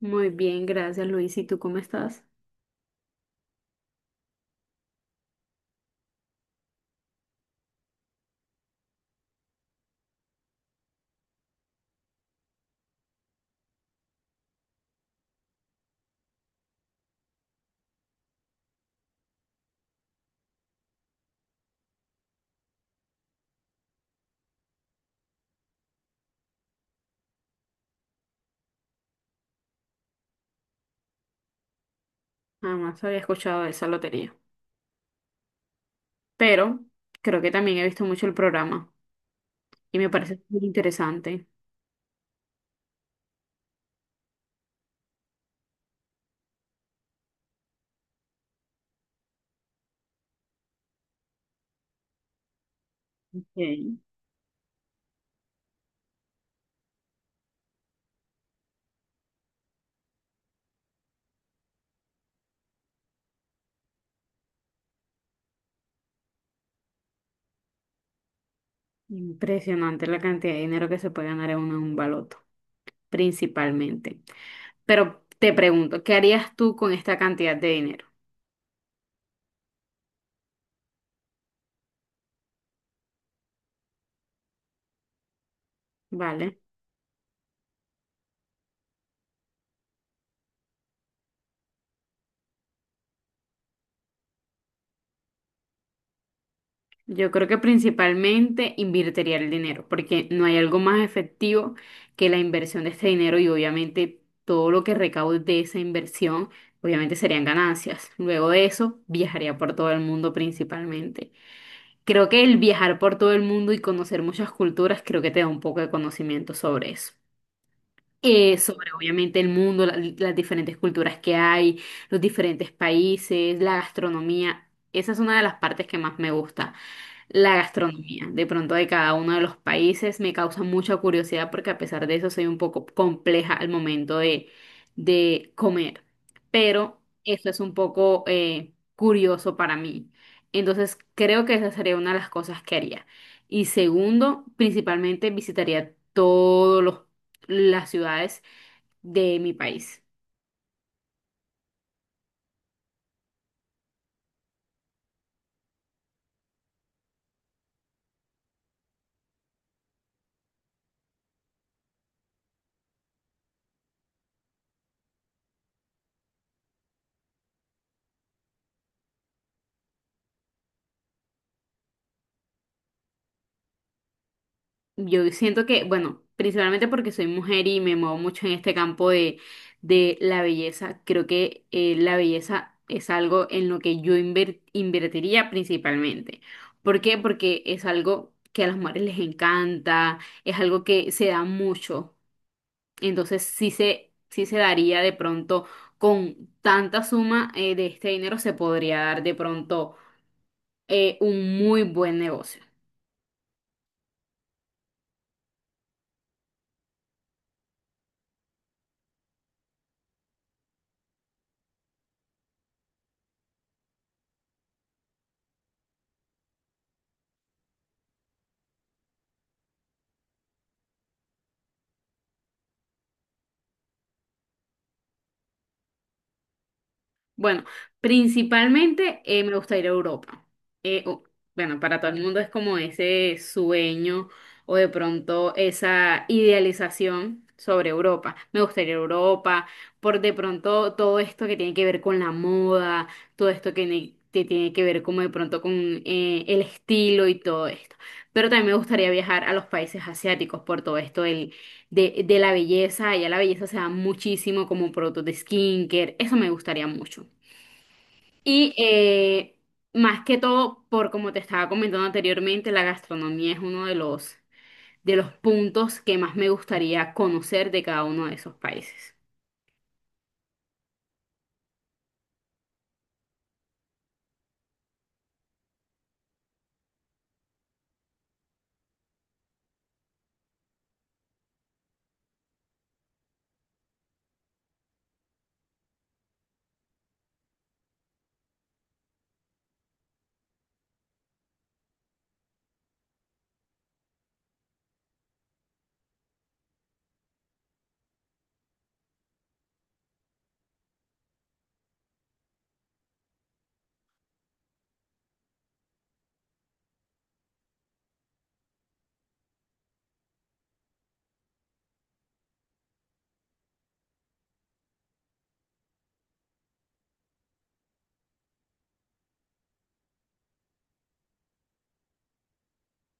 Muy bien, gracias Luis. ¿Y tú cómo estás? Jamás había escuchado de esa lotería. Pero creo que también he visto mucho el programa y me parece muy interesante. Ok. Impresionante la cantidad de dinero que se puede ganar en un baloto, principalmente. Pero te pregunto, ¿qué harías tú con esta cantidad de dinero? ¿Vale? Yo creo que principalmente invertiría el dinero, porque no hay algo más efectivo que la inversión de este dinero y obviamente todo lo que recaude de esa inversión, obviamente serían ganancias. Luego de eso, viajaría por todo el mundo principalmente. Creo que el viajar por todo el mundo y conocer muchas culturas, creo que te da un poco de conocimiento sobre eso. Sobre obviamente el mundo, las diferentes culturas que hay, los diferentes países, la gastronomía. Esa es una de las partes que más me gusta la gastronomía, de pronto de cada uno de los países, me causa mucha curiosidad porque a pesar de eso soy un poco compleja al momento de comer, pero eso es un poco curioso para mí. Entonces creo que esa sería una de las cosas que haría. Y segundo, principalmente visitaría todas las ciudades de mi país. Yo siento que, bueno, principalmente porque soy mujer y me muevo mucho en este campo de la belleza, creo que la belleza es algo en lo que yo invertiría principalmente. ¿Por qué? Porque es algo que a las mujeres les encanta, es algo que se da mucho. Entonces sí se daría de pronto con tanta suma de este dinero, se podría dar de pronto un muy buen negocio. Bueno, principalmente me gusta ir a Europa. Eh, o- bueno, para todo el mundo es como ese sueño o de pronto esa idealización sobre Europa. Me gusta ir a Europa por de pronto todo esto que tiene que ver con la moda, todo esto que tiene que ver como de pronto con el estilo y todo esto. Pero también me gustaría viajar a los países asiáticos por todo esto del, de la belleza. Allá la belleza se da muchísimo como productos de skincare. Eso me gustaría mucho. Y más que todo, por como te estaba comentando anteriormente, la gastronomía es uno de los puntos que más me gustaría conocer de cada uno de esos países.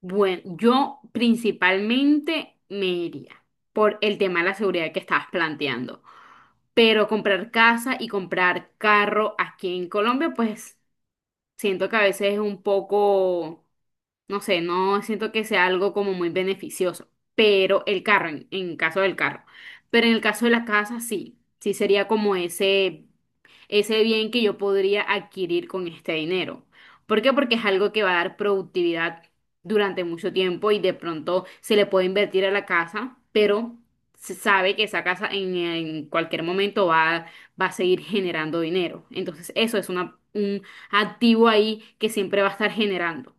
Bueno, yo principalmente me iría por el tema de la seguridad que estabas planteando. Pero comprar casa y comprar carro aquí en Colombia, pues siento que a veces es un poco, no sé, no siento que sea algo como muy beneficioso, pero el carro, en caso del carro, pero en el caso de la casa sí, sí sería como ese ese bien que yo podría adquirir con este dinero. ¿Por qué? Porque es algo que va a dar productividad durante mucho tiempo y de pronto se le puede invertir a la casa, pero se sabe que esa casa en cualquier momento va, va a seguir generando dinero. Entonces, eso es una, un activo ahí que siempre va a estar generando.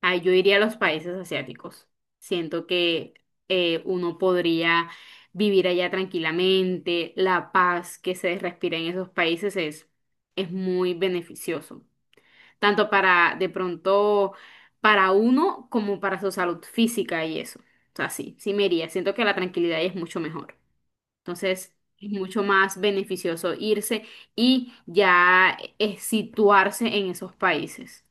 Ah, yo iría a los países asiáticos. Siento que uno podría vivir allá tranquilamente, la paz que se respira en esos países es muy beneficioso, tanto para de pronto para uno como para su salud física y eso. O sea, sí, sí me iría. Siento que la tranquilidad ahí es mucho mejor. Entonces, es mucho más beneficioso irse y ya situarse en esos países.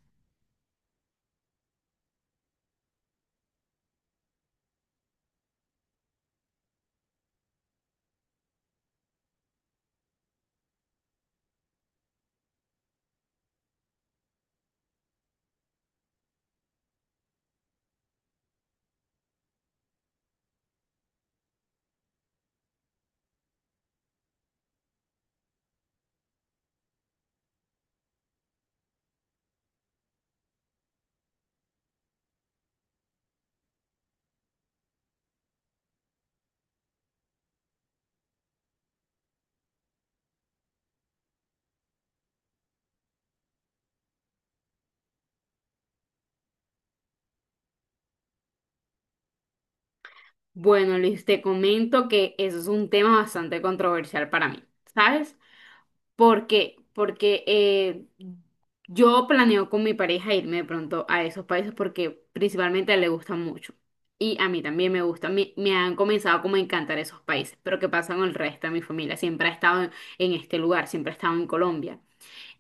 Bueno, Luis, te comento que eso es un tema bastante controversial para mí, ¿sabes? ¿Por qué? Porque yo planeo con mi pareja irme de pronto a esos países porque principalmente a él le gustan mucho. Y a mí también me gusta, me han comenzado como a encantar esos países. Pero ¿qué pasa con el resto de mi familia? Siempre ha estado en este lugar, siempre ha estado en Colombia.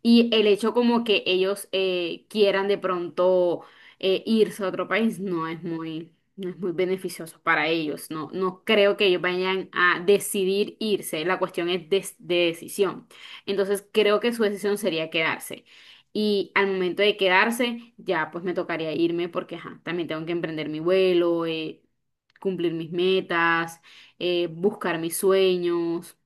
Y el hecho como que ellos quieran de pronto irse a otro país no es muy, no es muy beneficioso para ellos. No, no creo que ellos vayan a decidir irse. La cuestión es decisión. Entonces creo que su decisión sería quedarse. Y al momento de quedarse, ya pues me tocaría irme porque ajá, también tengo que emprender mi vuelo, cumplir mis metas, buscar mis sueños.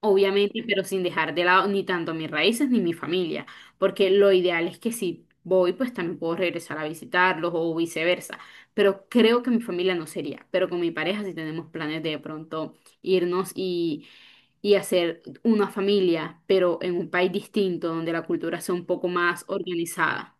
Obviamente, pero sin dejar de lado ni tanto mis raíces ni mi familia, porque lo ideal es que si voy, pues también puedo regresar a visitarlos o viceversa, pero creo que mi familia no sería, pero con mi pareja sí tenemos planes de pronto irnos y hacer una familia, pero en un país distinto donde la cultura sea un poco más organizada.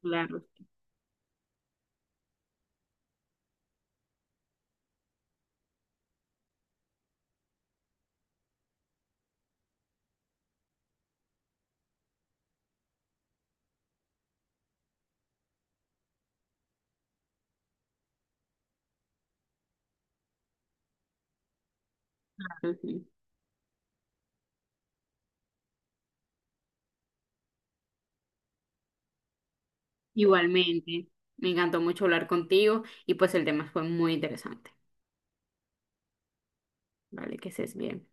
Claro, claro, sí. Igualmente, me encantó mucho hablar contigo y pues el tema fue muy interesante. Vale, que estés bien.